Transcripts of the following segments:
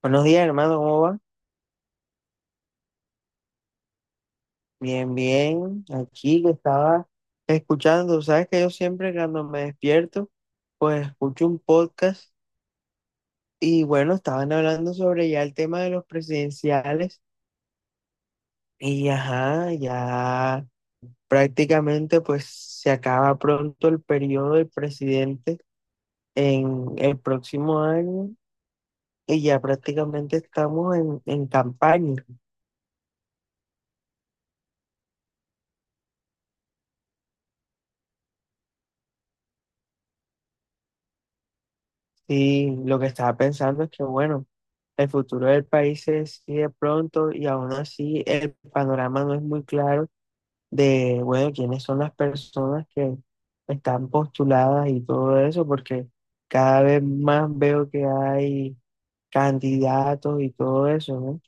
Buenos días, hermano, ¿cómo va? Bien, bien. Aquí que estaba escuchando, sabes que yo siempre cuando me despierto, pues escucho un podcast y bueno, estaban hablando sobre ya el tema de los presidenciales y ajá, ya prácticamente pues se acaba pronto el periodo del presidente en el próximo año y ya prácticamente estamos en campaña. Sí, lo que estaba pensando es que, bueno, el futuro del país se decide pronto y aún así el panorama no es muy claro de, bueno, quiénes son las personas que están postuladas y todo eso, porque cada vez más veo que hay candidatos y todo eso, ¿no?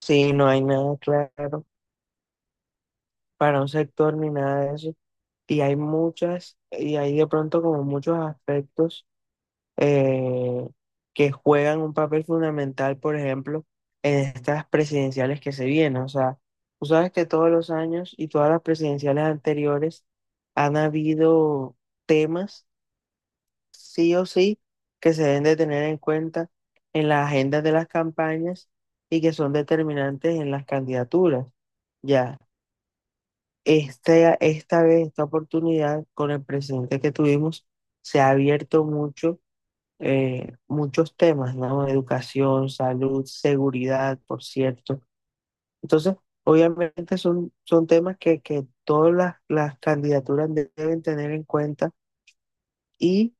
Sí, no hay nada claro para un sector ni nada de eso. Y hay muchas, y hay de pronto como muchos aspectos eh, que juegan un papel fundamental, por ejemplo, en estas presidenciales que se vienen. O sea, tú sabes que todos los años y todas las presidenciales anteriores han habido temas, sí o sí, que se deben de tener en cuenta en las agendas de las campañas y que son determinantes en las candidaturas. Ya, esta vez, esta oportunidad con el presidente que tuvimos, se ha abierto mucho muchos temas, ¿no? Educación, salud, seguridad, por cierto. Entonces, obviamente son temas que todas las candidaturas deben tener en cuenta y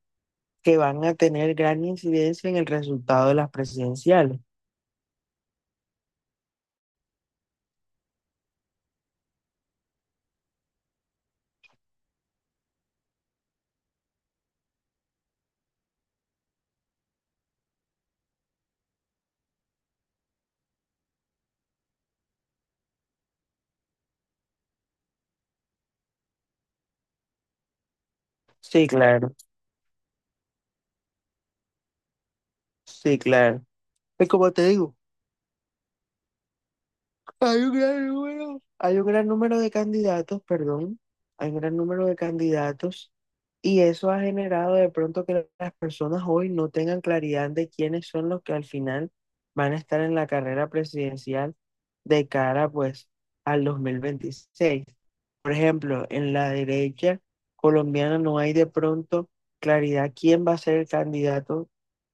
que van a tener gran incidencia en el resultado de las presidenciales. Sí, claro, sí, claro. Y como te digo, hay un gran número de candidatos, perdón, hay un gran número de candidatos y eso ha generado de pronto que las personas hoy no tengan claridad de quiénes son los que al final van a estar en la carrera presidencial de cara pues al 2026. Por ejemplo, en la derecha colombiana no hay de pronto claridad quién va a ser el candidato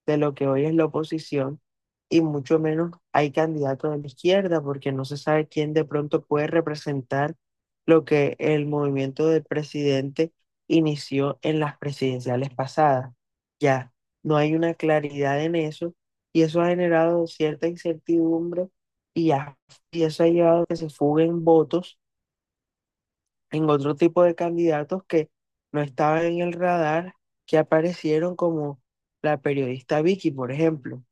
de lo que hoy es la oposición y mucho menos hay candidato de la izquierda porque no se sabe quién de pronto puede representar lo que el movimiento del presidente inició en las presidenciales pasadas. Ya, no hay una claridad en eso y eso ha generado cierta incertidumbre y, ya- y eso ha llevado a que se fuguen votos en otro tipo de candidatos que no estaban en el radar, que aparecieron como la periodista Vicky, por ejemplo.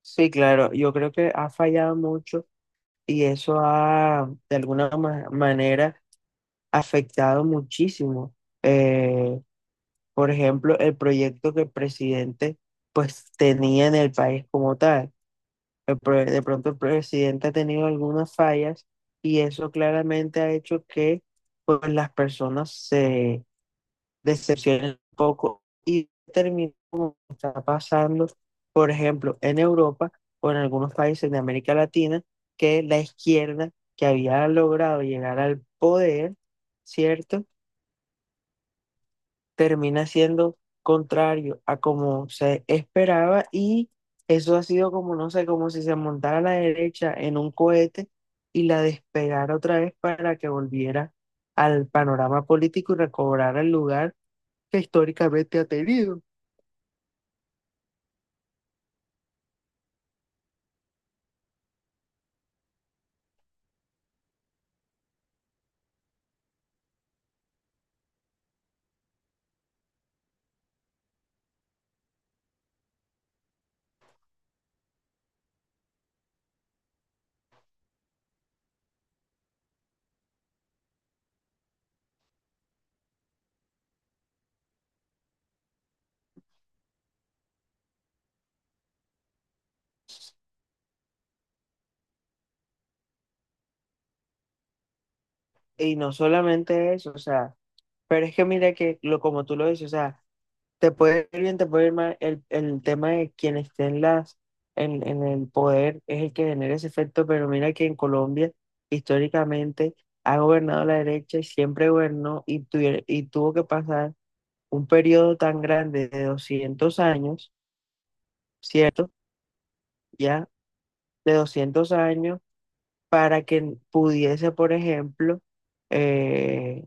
Sí, claro, yo creo que ha fallado mucho y eso ha, de alguna manera, afectado muchísimo. eh, por ejemplo, el proyecto que el presidente pues tenía en el país como tal. De pronto el presidente ha tenido algunas fallas y eso claramente ha hecho que pues las personas se decepcionen un poco y termine como está pasando, por ejemplo, en Europa o en algunos países de América Latina, que la izquierda que había logrado llegar al poder, ¿cierto? Termina siendo contrario a como se esperaba y eso ha sido como, no sé, como si se montara la derecha en un cohete y la despegara otra vez para que volviera al panorama político y recobrara el lugar que históricamente ha tenido. Y no solamente eso, o sea, pero es que mira que lo como tú lo dices, o sea, te puede ir bien, te puede ir mal, el tema de quien esté en las, en el poder es el que genera ese efecto, pero mira que en Colombia históricamente ha gobernado la derecha y siempre gobernó y tuvo que pasar un periodo tan grande de 200 años, ¿cierto? Ya, de 200 años para que pudiese, por ejemplo, eh,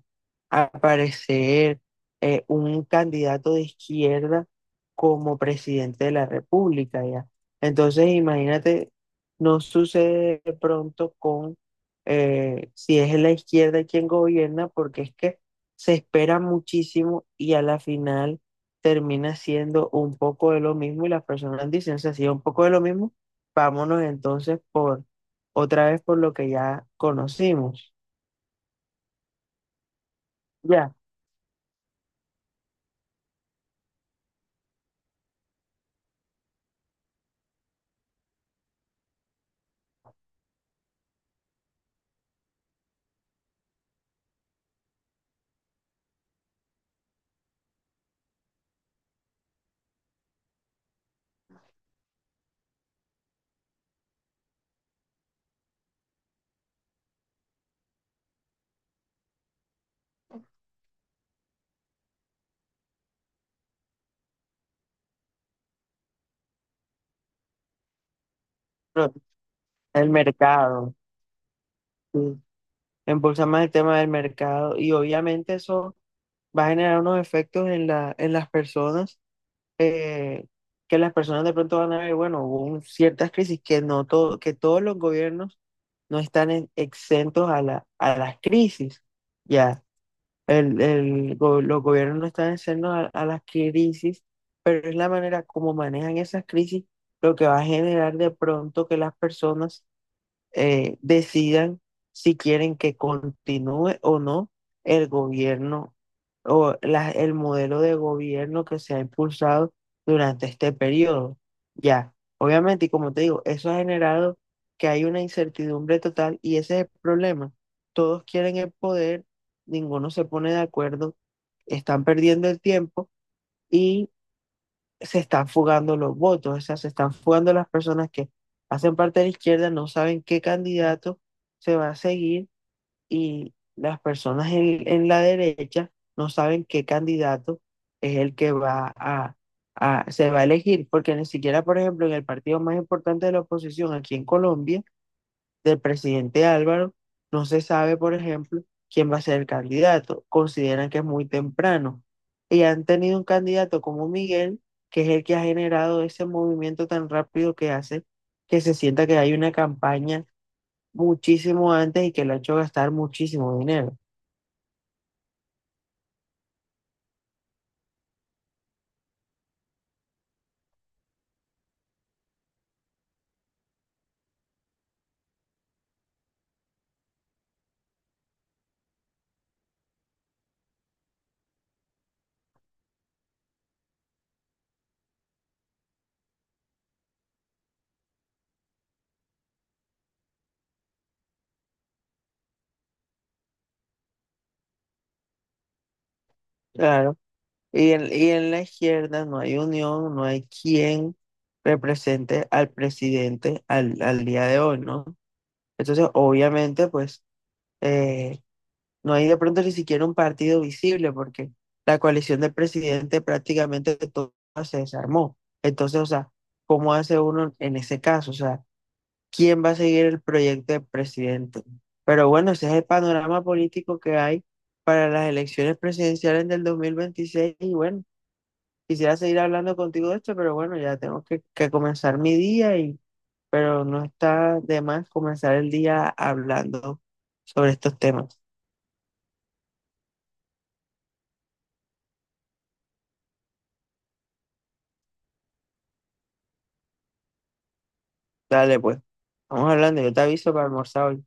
aparecer un candidato de izquierda como presidente de la República, ¿ya? Entonces, imagínate, no sucede de pronto con si es la izquierda quien gobierna, porque es que se espera muchísimo y a la final termina siendo un poco de lo mismo y las personas dicen, se hacía un poco de lo mismo, vámonos entonces por otra vez por lo que ya conocimos, ya, pero el mercado, sí, impulsa más el tema del mercado y obviamente eso va a generar unos efectos en la, en las personas, eh, que las personas de pronto van a ver, bueno, ciertas crisis que no todo, que todos los gobiernos no están exentos a la, a las crisis, ya. Los gobiernos no están haciendo a las crisis, pero es la manera como manejan esas crisis lo que va a generar de pronto que las personas decidan si quieren que continúe o no el gobierno o el modelo de gobierno que se ha impulsado durante este periodo. Ya, obviamente, y como te digo, eso ha generado que hay una incertidumbre total y ese es el problema. Todos quieren el poder, ninguno se pone de acuerdo, están perdiendo el tiempo y se están fugando los votos, o sea, se están fugando las personas que hacen parte de la izquierda, no saben qué candidato se va a seguir y las personas en la derecha no saben qué candidato es el que va se va a elegir, porque ni siquiera, por ejemplo, en el partido más importante de la oposición aquí en Colombia, del presidente Álvaro, no se sabe, por ejemplo, quién va a ser el candidato. Consideran que es muy temprano. Y han tenido un candidato como Miguel, que es el que ha generado ese movimiento tan rápido que hace que se sienta que hay una campaña muchísimo antes y que lo ha hecho gastar muchísimo dinero. Claro. Y en la izquierda no hay unión, no hay quien represente al presidente al día de hoy, ¿no? Entonces, obviamente, pues eh, no hay de pronto ni siquiera un partido visible porque la coalición del presidente prácticamente toda se desarmó. Entonces, o sea, ¿cómo hace uno en ese caso? O sea, ¿quién va a seguir el proyecto del presidente? Pero bueno, ese es el panorama político que hay para las elecciones presidenciales del 2026 y bueno, quisiera seguir hablando contigo de esto, pero bueno, ya tengo que comenzar mi día y pero no está de más comenzar el día hablando sobre estos temas. Dale, pues. Vamos hablando, yo te aviso para almorzar hoy.